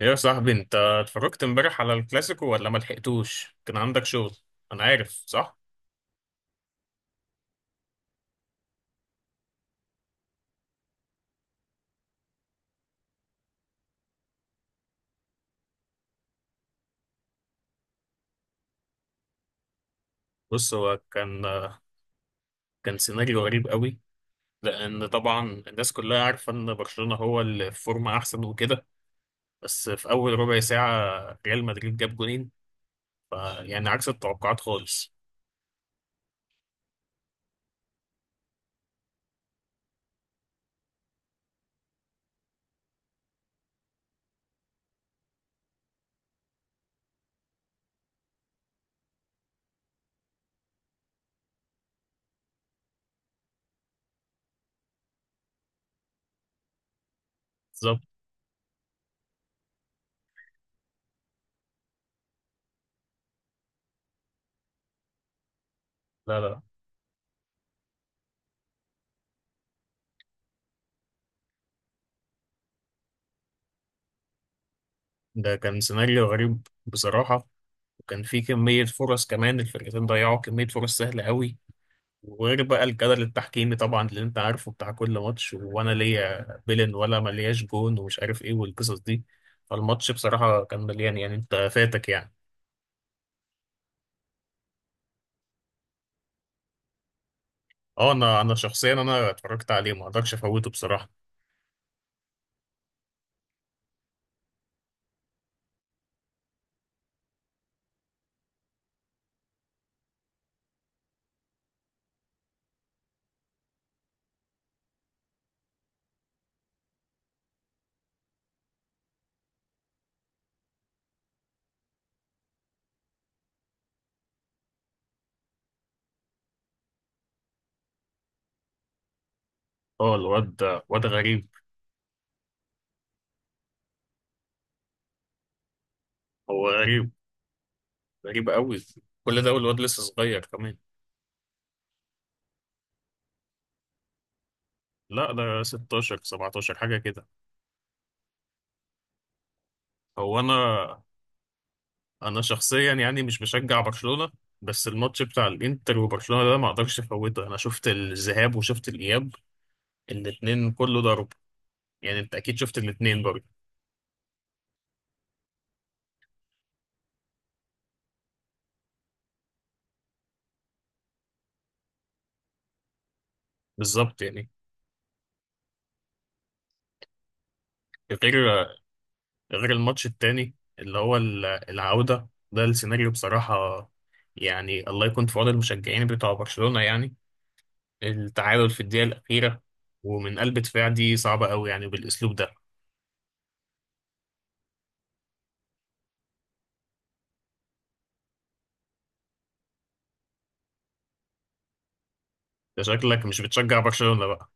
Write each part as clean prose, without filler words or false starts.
يا صاحبي انت اتفرجت امبارح على الكلاسيكو ولا ما لحقتوش كان عندك شغل. انا عارف صح. بص هو كان سيناريو غريب قوي. لان طبعا الناس كلها عارفه ان برشلونه هو اللي في فورمه احسن وكده. بس في اول ربع ساعه ريال مدريد جاب جولين، يعني عكس التوقعات خالص. بالظبط. لا لا، ده كان سيناريو غريب بصراحه. وكان في كميه فرص، كمان الفرقتين ضيعوا كميه فرص سهله قوي. وغير بقى الجدل التحكيمي طبعا اللي انت عارفه بتاع كل ماتش، وانا ليا بيلن ولا ملياش جون ومش عارف ايه والقصص دي. فالماتش بصراحة كان مليان، يعني انت فاتك يعني. اه، انا شخصيا انا اتفرجت عليه، ما اقدرش افوته بصراحة. اه الواد واد غريب. هو غريب، غريب قوي. كل ده والواد لسه صغير كمان. لا ده 16 17 حاجة كده. هو انا، انا شخصيا يعني مش بشجع برشلونة. بس الماتش بتاع الانتر وبرشلونة ده ما اقدرش افوته، انا شفت الذهاب وشفت الاياب. الاتنين كله ضرب. يعني انت اكيد شفت الاتنين برضه. بالظبط يعني. غير، غير الماتش التاني اللي هو العودة ده، السيناريو بصراحة يعني الله يكون في عون المشجعين بتوع برشلونة يعني. التعادل في الدقيقة الأخيرة ومن قلب دفاع، دي صعبة قوي يعني بالأسلوب ده. ده شكلك مش بتشجع برشلونة بقى.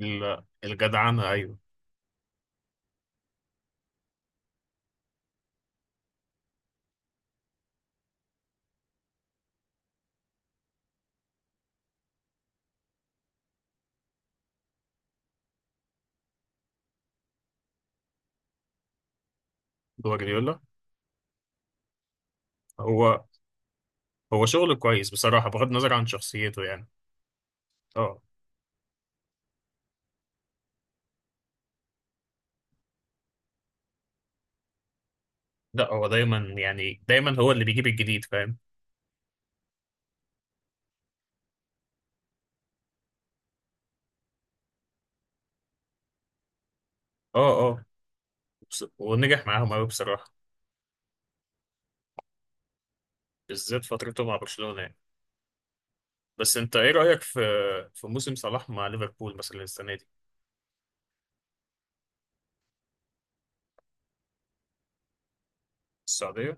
الجدعنة أيوه. جوارديولا. هو، هو شغل كويس بصراحة بغض النظر عن شخصيته يعني. اه. لا هو دايما، يعني دايما هو اللي بيجيب الجديد فاهم. اه. آه. ونجح معاهم قوي بصراحة. بالذات فترته مع برشلونة يعني. بس انت ايه رأيك في، في موسم صلاح مع ليفربول مثلا السنة دي؟ السعودية.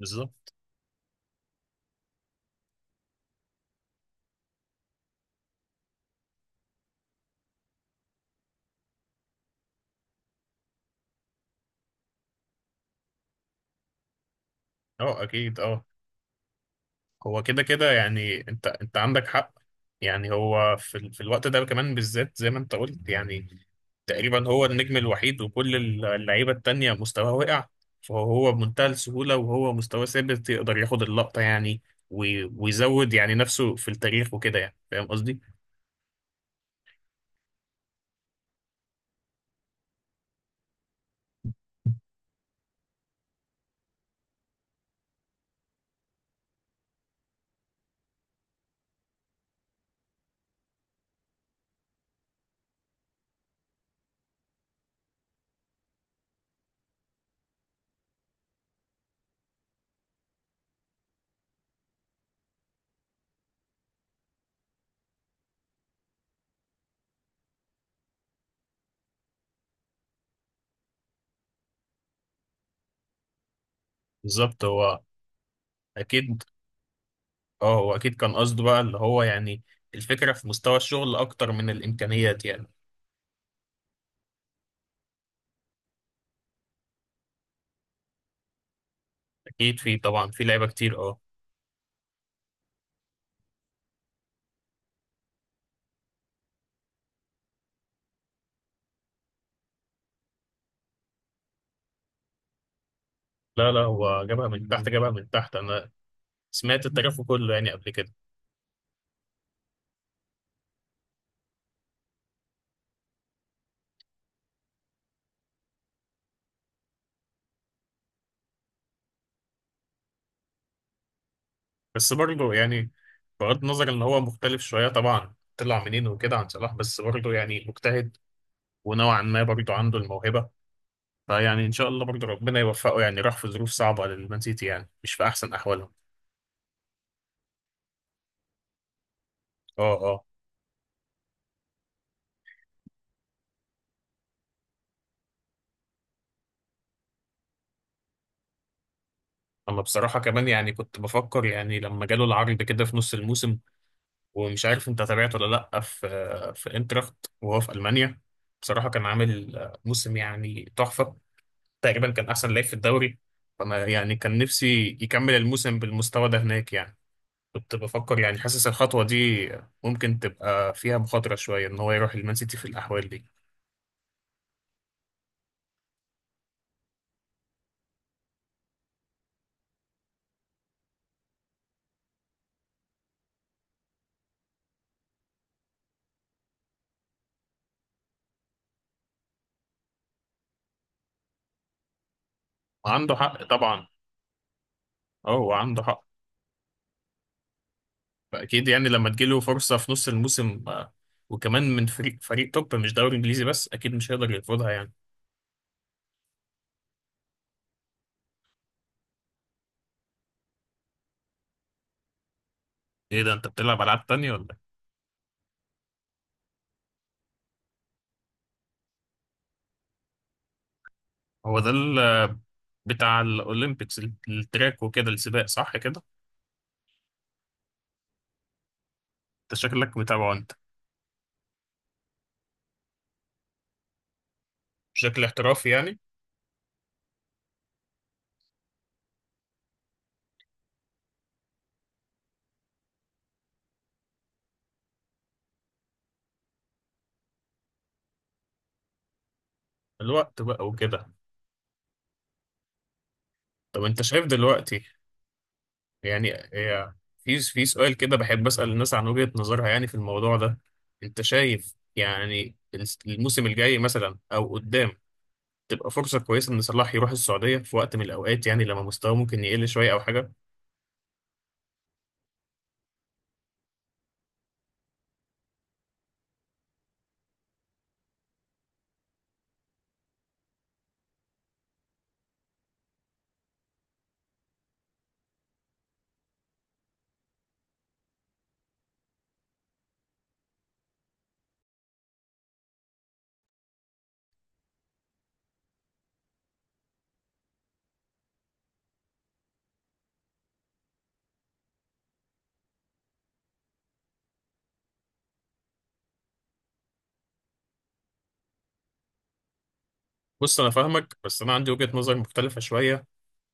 بالظبط. اه اكيد اه. هو كده كده، يعني انت، انت عندك حق. يعني هو في في الوقت ده كمان بالذات، زي ما انت قلت يعني تقريبا هو النجم الوحيد، وكل اللعيبة التانية مستواه وقع. فهو بمنتهى السهولة وهو مستواه ثابت يقدر ياخد اللقطة يعني. ويزود يعني نفسه في التاريخ وكده، يعني فاهم قصدي؟ بالظبط هو. أكيد. اه هو اكيد كان قصده بقى اللي هو يعني الفكره في مستوى الشغل اكتر من الامكانيات يعني. اكيد، في طبعا في لعيبه كتير اه. لا لا، هو جابها من تحت، جابها من تحت، انا سمعت التاريخ كله يعني قبل كده. بس برضه يعني بغض النظر ان هو مختلف شويه طبعا طلع منين وكده عن صلاح، بس برضه يعني مجتهد. ونوعا ما برضه عنده الموهبه. فيعني ان شاء الله برضه ربنا يوفقه، يعني راح في ظروف صعبه للمان سيتي يعني مش في احسن احوالهم. اه اه. انا بصراحه كمان يعني كنت بفكر يعني لما جاله العرض كده في نص الموسم، ومش عارف انت تابعته ولا لا، في، في انتراخت وهو في المانيا، بصراحه كان عامل موسم يعني تحفه. تقريبا كان احسن لعيب في الدوري. فانا يعني كان نفسي يكمل الموسم بالمستوى ده هناك يعني. كنت بفكر يعني حاسس الخطوه دي ممكن تبقى فيها مخاطره شويه ان هو يروح المان سيتي في الاحوال دي. وعنده حق طبعا. اه هو عنده حق. فاكيد يعني لما تجيله فرصه في نص الموسم، وكمان من فريق، فريق توب مش دوري انجليزي بس، اكيد مش هيقدر يرفضها يعني. ايه ده انت بتلعب العاب تانية ولا؟ هو ده بتاع الأولمبيكس، التراك وكده، السباق صح كده؟ أنت شكلك متابعه أنت. بشكل احترافي يعني. الوقت بقى وكده. طب أنت شايف دلوقتي، يعني هي، في، في سؤال كده بحب أسأل الناس عن وجهة نظرها يعني في الموضوع ده. أنت شايف يعني الموسم الجاي مثلا أو قدام تبقى فرصة كويسة إن صلاح يروح السعودية في وقت من الأوقات، يعني لما مستواه ممكن يقل شوية أو حاجة؟ بص أنا فاهمك، بس أنا عندي وجهة نظر مختلفة شوية.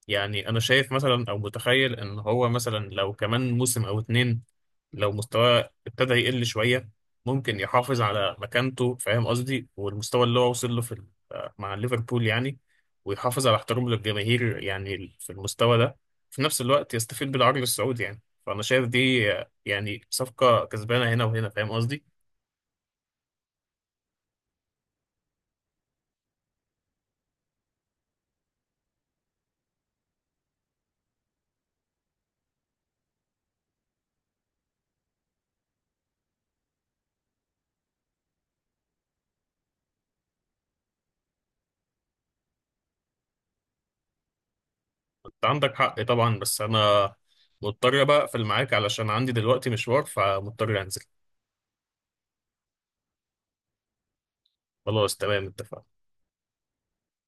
يعني انا شايف مثلا او متخيل ان هو مثلا لو كمان موسم او اتنين لو مستواه ابتدى يقل شوية، ممكن يحافظ على مكانته، فاهم قصدي؟ والمستوى اللي هو وصل له في مع ليفربول يعني. ويحافظ على احترامه للجماهير يعني في المستوى ده، في نفس الوقت يستفيد بالعرض السعودي. يعني فانا شايف دي يعني صفقة كسبانة هنا وهنا، فاهم قصدي؟ انت عندك حق طبعا، بس انا مضطر بقى اقفل معاك علشان عندي دلوقتي مشوار، فمضطر انزل. خلاص تمام اتفقنا.